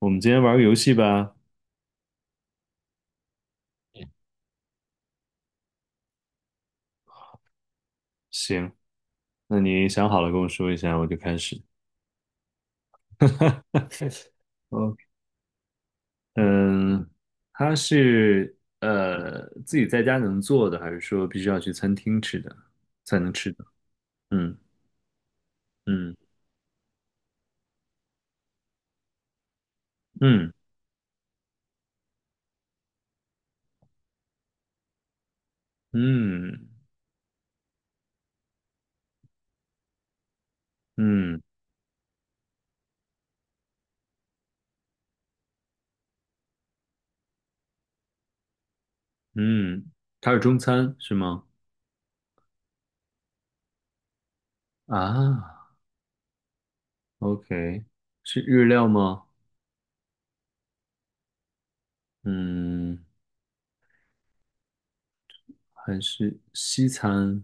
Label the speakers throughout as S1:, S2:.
S1: 我们今天玩个游戏吧。行，那你想好了跟我说一下，我就开始。OK，嗯，它是自己在家能做的，还是说必须要去餐厅吃的才能吃的？嗯嗯嗯嗯嗯嗯，它是中餐是吗？啊，OK，是日料吗？嗯，还是西餐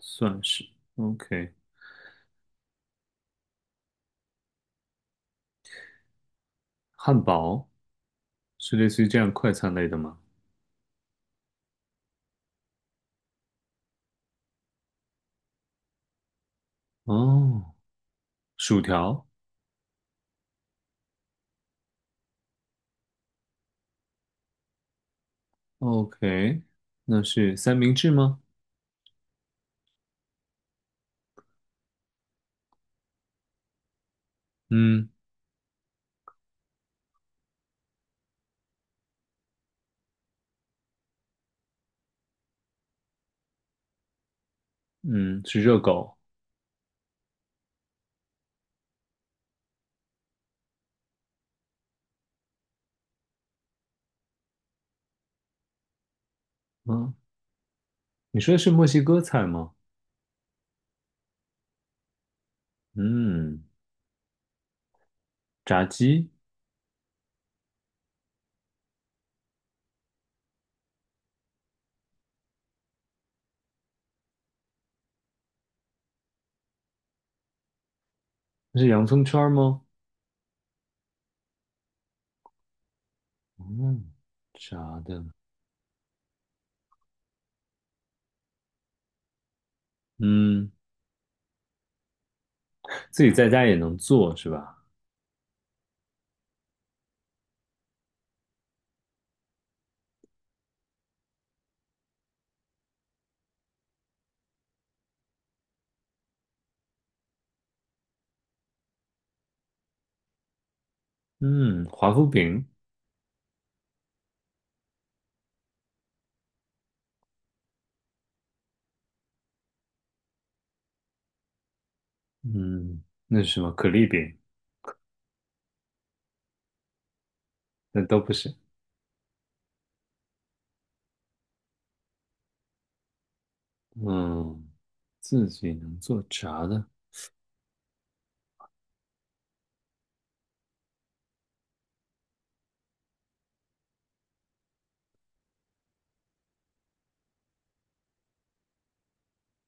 S1: 算是 OK，汉堡。是类似于这样快餐类的吗？哦，薯条，OK，那是三明治吗？嗯嗯，是热狗。嗯，你说的是墨西哥菜吗？嗯，炸鸡，那是洋葱圈儿吗？嗯，炸的，嗯，自己在家也能做是吧？嗯，华夫饼，嗯，那是什么？可丽饼，那都不是。嗯，自己能做炸的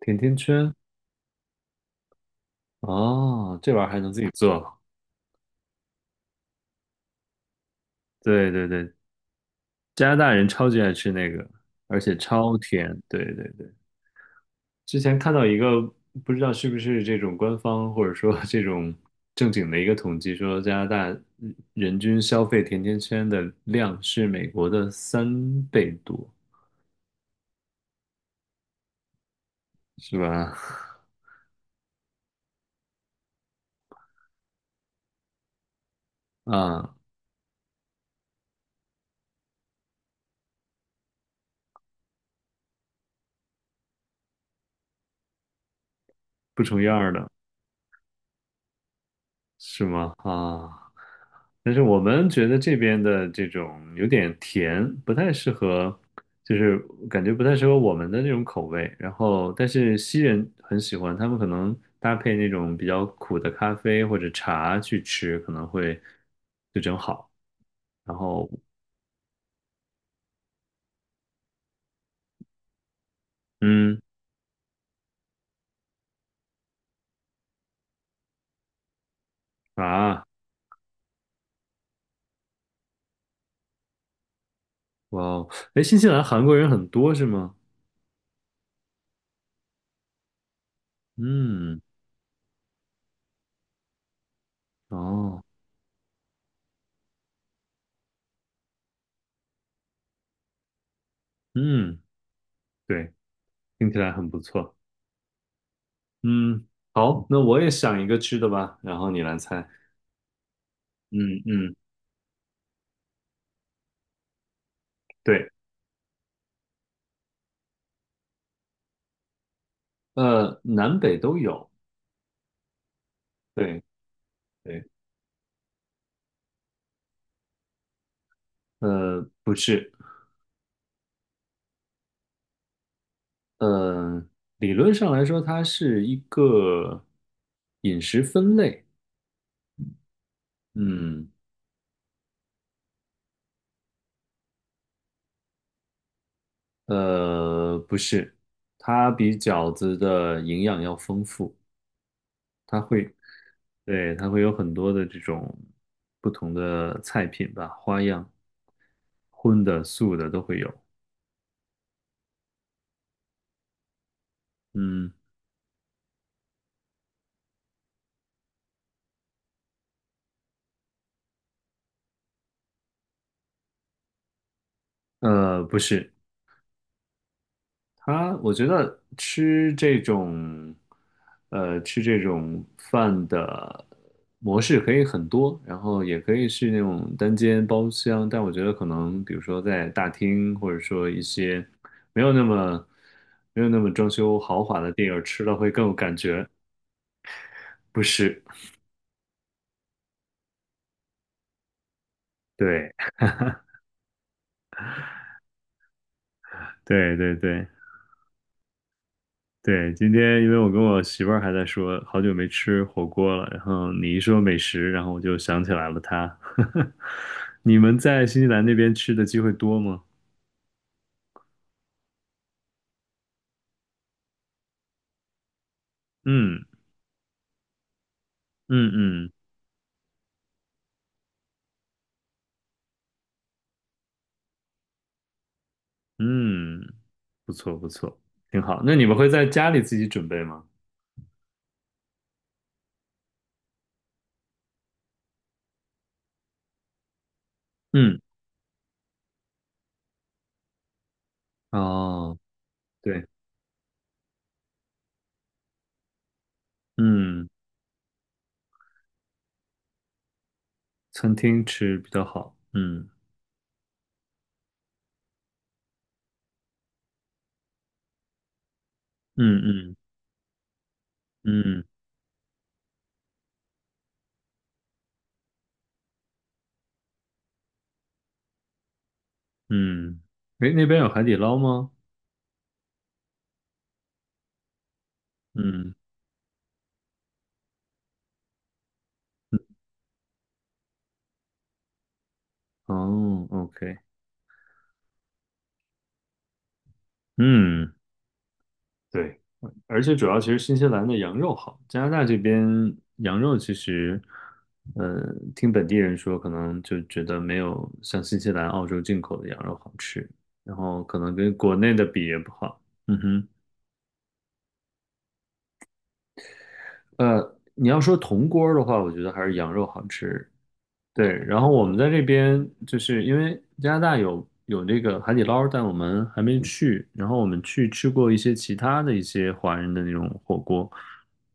S1: 甜甜圈，哦，这玩意儿还能自己做。对对对，加拿大人超级爱吃那个，而且超甜。对对对，之前看到一个不知道是不是这种官方或者说 这种正经的一个统计，说加拿大人均消费甜甜圈的量是美国的三倍多，是吧？啊，不重样儿的。是吗？啊，但是我们觉得这边的这种有点甜，不太适合，就是感觉不太适合我们的那种口味。然后，但是西人很喜欢，他们可能搭配那种比较苦的咖啡或者茶去吃，可能会就正好。然后，嗯，啊，哇哦，哎，新西兰韩国人很多是吗？嗯，哦，嗯，对，听起来很不错。嗯，好，那我也想一个吃的吧，然后你来猜。嗯嗯，对，南北都有，对对，不是，呃，理论上来说，它是一个饮食分类，嗯，不是，它比饺子的营养要丰富，它会，对，它会有很多的这种不同的菜品吧，花样，荤的、素的都会有，嗯。不是，他，我觉得吃这种，吃这种饭的模式可以很多，然后也可以是那种单间包厢，但我觉得可能，比如说在大厅，或者说一些没有那么没有那么装修豪华的地儿，吃了会更有感觉。不是，对，对对对。对，今天因为我跟我媳妇儿还在说，好久没吃火锅了，然后你一说美食，然后我就想起来了她。你们在新西兰那边吃的机会多吗？嗯嗯嗯嗯，不错不错，挺好。那你们会在家里自己准备吗？嗯，哦，对，嗯，餐厅吃比较好。嗯嗯嗯嗯嗯，诶，那边有海底捞吗？嗯，哦，OK,嗯。对，而且主要其实新西兰的羊肉好，加拿大这边羊肉其实，呃，听本地人说，可能就觉得没有像新西兰、澳洲进口的羊肉好吃，然后可能跟国内的比也不好。嗯哼，你要说铜锅儿的话，我觉得还是羊肉好吃，对，然后我们在这边就是因为加拿大有那个海底捞，但我们还没去。然后我们去吃过一些其他的一些华人的那种火锅，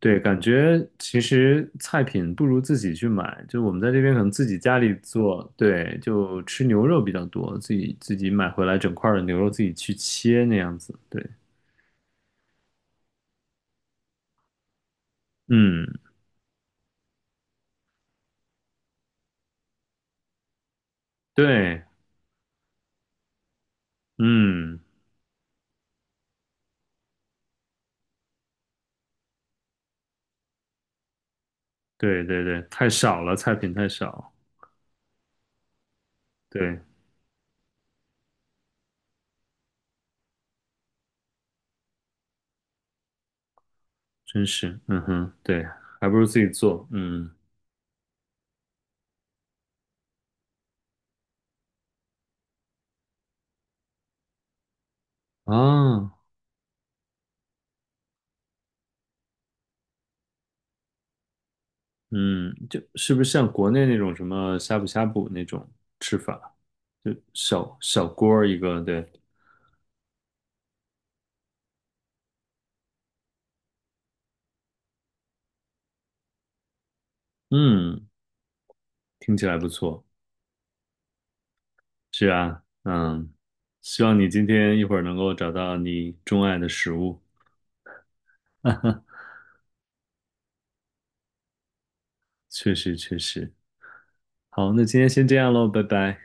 S1: 对，感觉其实菜品不如自己去买，就我们在这边可能自己家里做，对，就吃牛肉比较多，自己买回来整块儿的牛肉自己去切那样子，对，嗯，对，嗯，对对对，太少了，菜品太少，对。真是，嗯哼，对，还不如自己做，嗯啊，嗯，就是不是像国内那种什么呷哺呷哺那种吃法，就小小锅儿一个，对，嗯，听起来不错，是啊，嗯，希望你今天一会儿能够找到你钟爱的食物，确实确实，好，那今天先这样喽，拜拜。